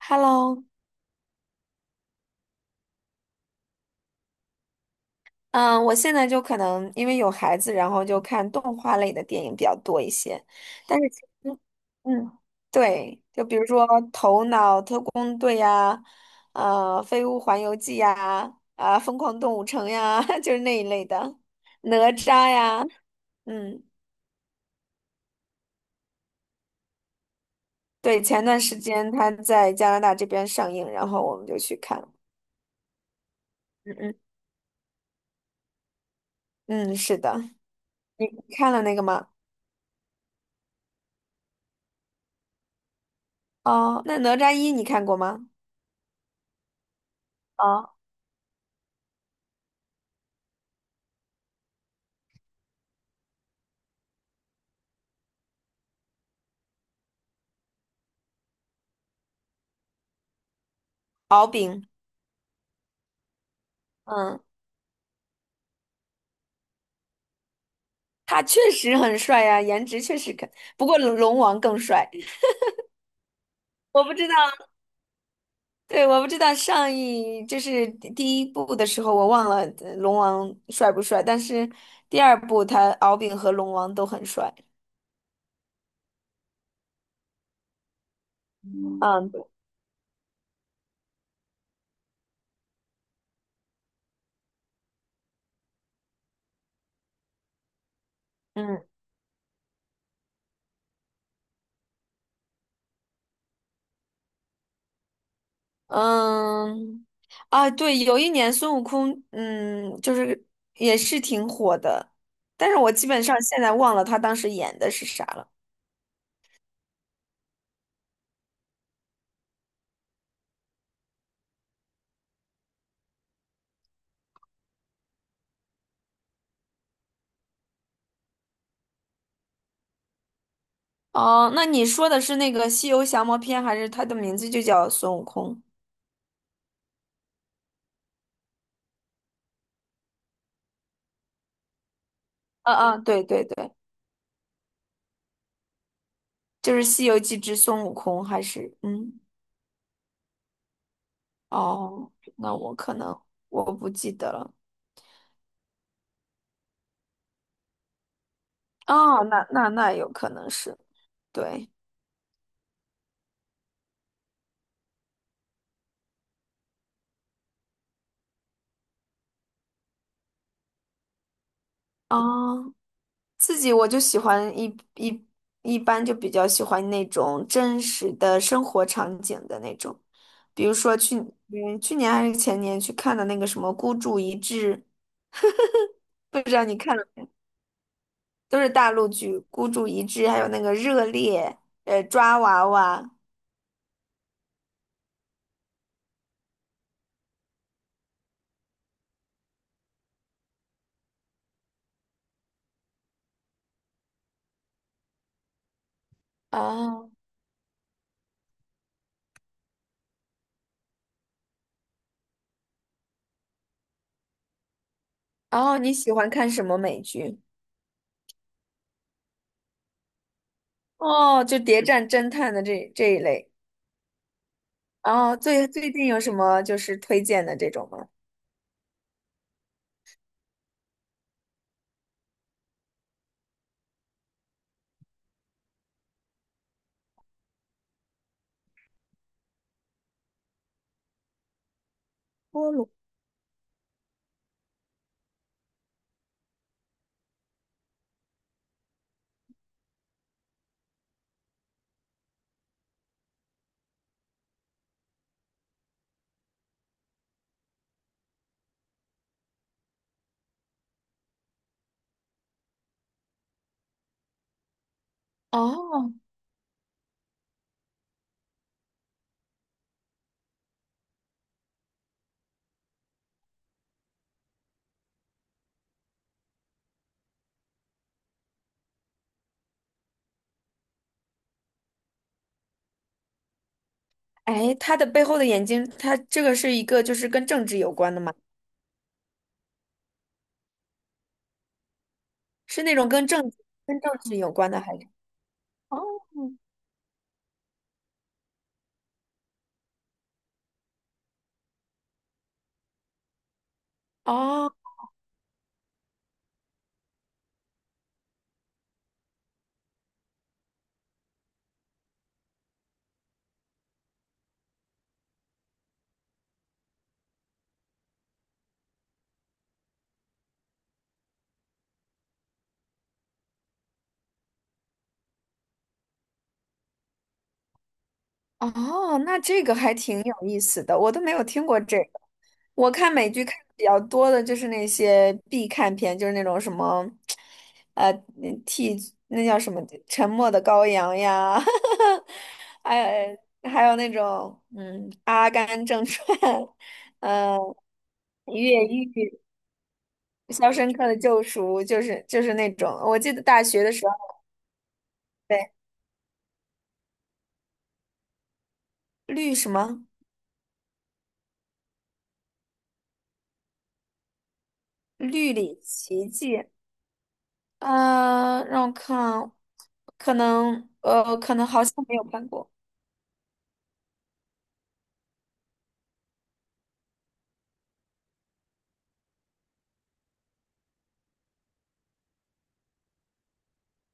Hello。嗯，我现在就可能因为有孩子，然后就看动画类的电影比较多一些。但是其实，嗯，对，就比如说《头脑特工队》呀，《飞屋环游记》呀，啊，《疯狂动物城》呀，就是那一类的，《哪吒》呀。嗯，对，前段时间他在加拿大这边上映，然后我们就去看了。嗯嗯。嗯，是的。你看了那个吗？哦，那《哪吒一》你看过吗？啊，敖丙。嗯，他确实很帅呀、颜值确实可，不过龙王更帅。我不知道，对，我不知道就是第一部的时候，我忘了龙王帅不帅，但是第二部他敖丙和龙王都很帅。嗯，对。嗯嗯。啊，对，有一年孙悟空，就是也是挺火的，但是我基本上现在忘了他当时演的是啥了。哦，那你说的是那个《西游降魔篇》，还是它的名字就叫孙悟空？嗯嗯，对对对，就是《西游记之孙悟空》，还是嗯哦，那我可能我不记得了。哦，那有可能是。对。哦，自己我就喜欢一般就比较喜欢那种真实的生活场景的那种，比如说去年还是前年去看的那个什么《孤注一掷》，不知道你看了。都是大陆剧，《孤注一掷》还有那个《热烈》，《抓娃娃》。哦哦，你喜欢看什么美剧？哦，就谍战侦探的这一类。哦，最近有什么就是推荐的这种吗？菠萝。哦，哎，他的背后的眼睛，他这个是一个就是跟政治有关的吗？是那种跟政治有关的还是？哦哦。哦，那这个还挺有意思的，我都没有听过这个。我看美剧看的比较多的就是那些必看片，就是那种什么，呃，那替那叫什么《沉默的羔羊》呀，还有那种《阿甘正传》，嗯、越狱》《肖申克的救赎》，就是那种。我记得大学的时候，对，绿什么《绿里奇迹》。让我看，可能好像没有看过。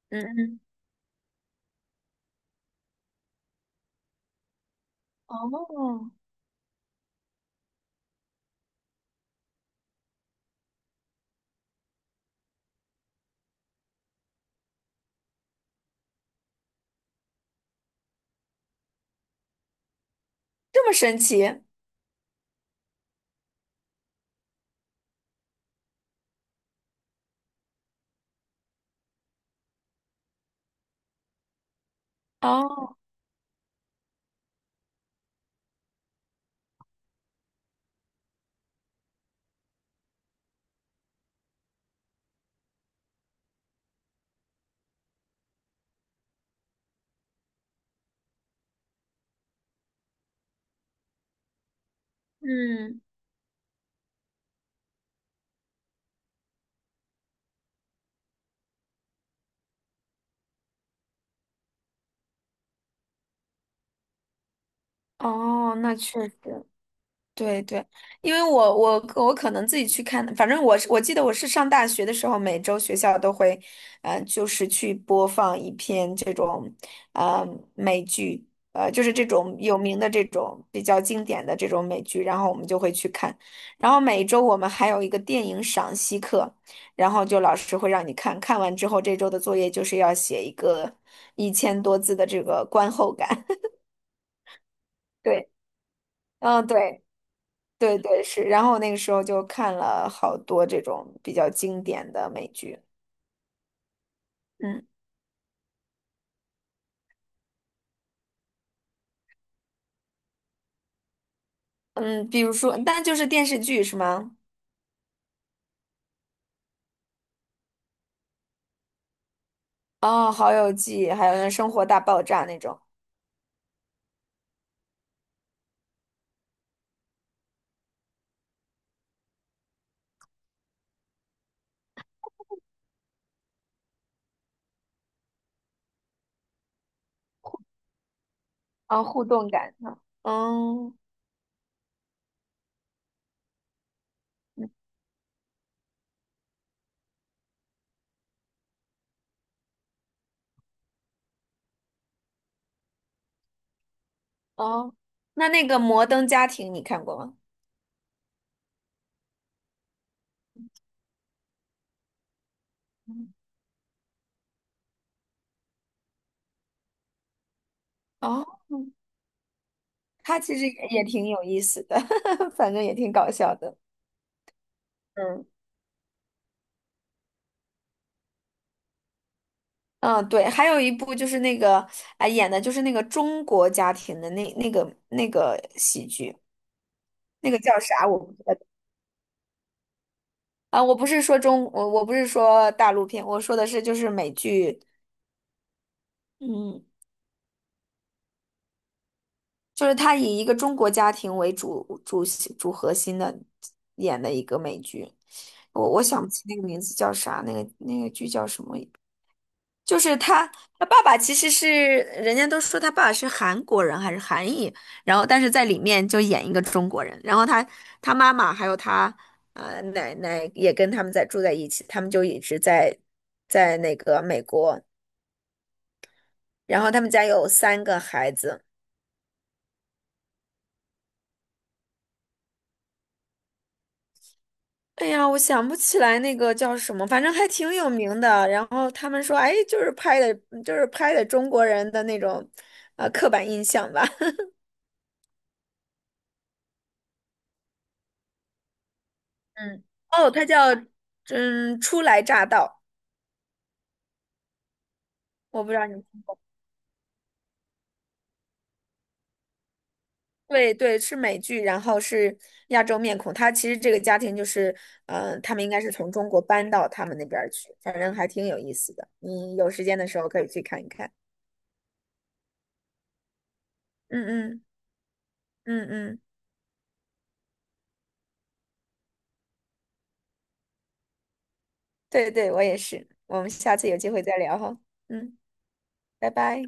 嗯嗯。哦，这么神奇。哦。嗯，哦，那确实。对对，因为我可能自己去看，反正我是我记得我是上大学的时候，每周学校都会，就是去播放一篇这种，呃，美剧，就是这种有名的这种比较经典的这种美剧，然后我们就会去看，然后每周我们还有一个电影赏析课，然后就老师会让你看，看完之后这周的作业就是要写一个1000多字的这个观后感。对。嗯，对。对对是，然后那个时候就看了好多这种比较经典的美剧。嗯嗯。比如说，但就是电视剧是吗？哦，《好友记》，还有那《生活大爆炸》那种，啊、互动感的。嗯。哦，哦，那那个《摩登家庭》你看过吗？嗯。哦，它其实也挺有意思的，反正也挺搞笑的。嗯。嗯，对，还有一部就是那个，啊演的就是那个中国家庭的那个喜剧，那个叫啥我不知道。啊，我不是说大陆片，我说的是就是美剧，嗯，就是他以一个中国家庭为主主主核心的演的一个美剧。我想不起那个名字叫啥，那个剧叫什么？就是他爸爸其实是人家都说他爸爸是韩国人还是韩裔，然后但是在里面就演一个中国人，然后他妈妈还有他奶奶也跟他们在住在一起，他们就一直在那个美国。然后他们家有3个孩子。哎呀，我想不起来那个叫什么，反正还挺有名的。然后他们说，哎，就是拍的，就是拍的中国人的那种，刻板印象吧。嗯，哦，他叫初来乍到。我不知道你。对对，是美剧，然后是亚洲面孔。他其实这个家庭就是，嗯、他们应该是从中国搬到他们那边儿去，反正还挺有意思的。你有时间的时候可以去看一看。嗯嗯。嗯嗯。对对，我也是。我们下次有机会再聊哈。嗯，拜拜。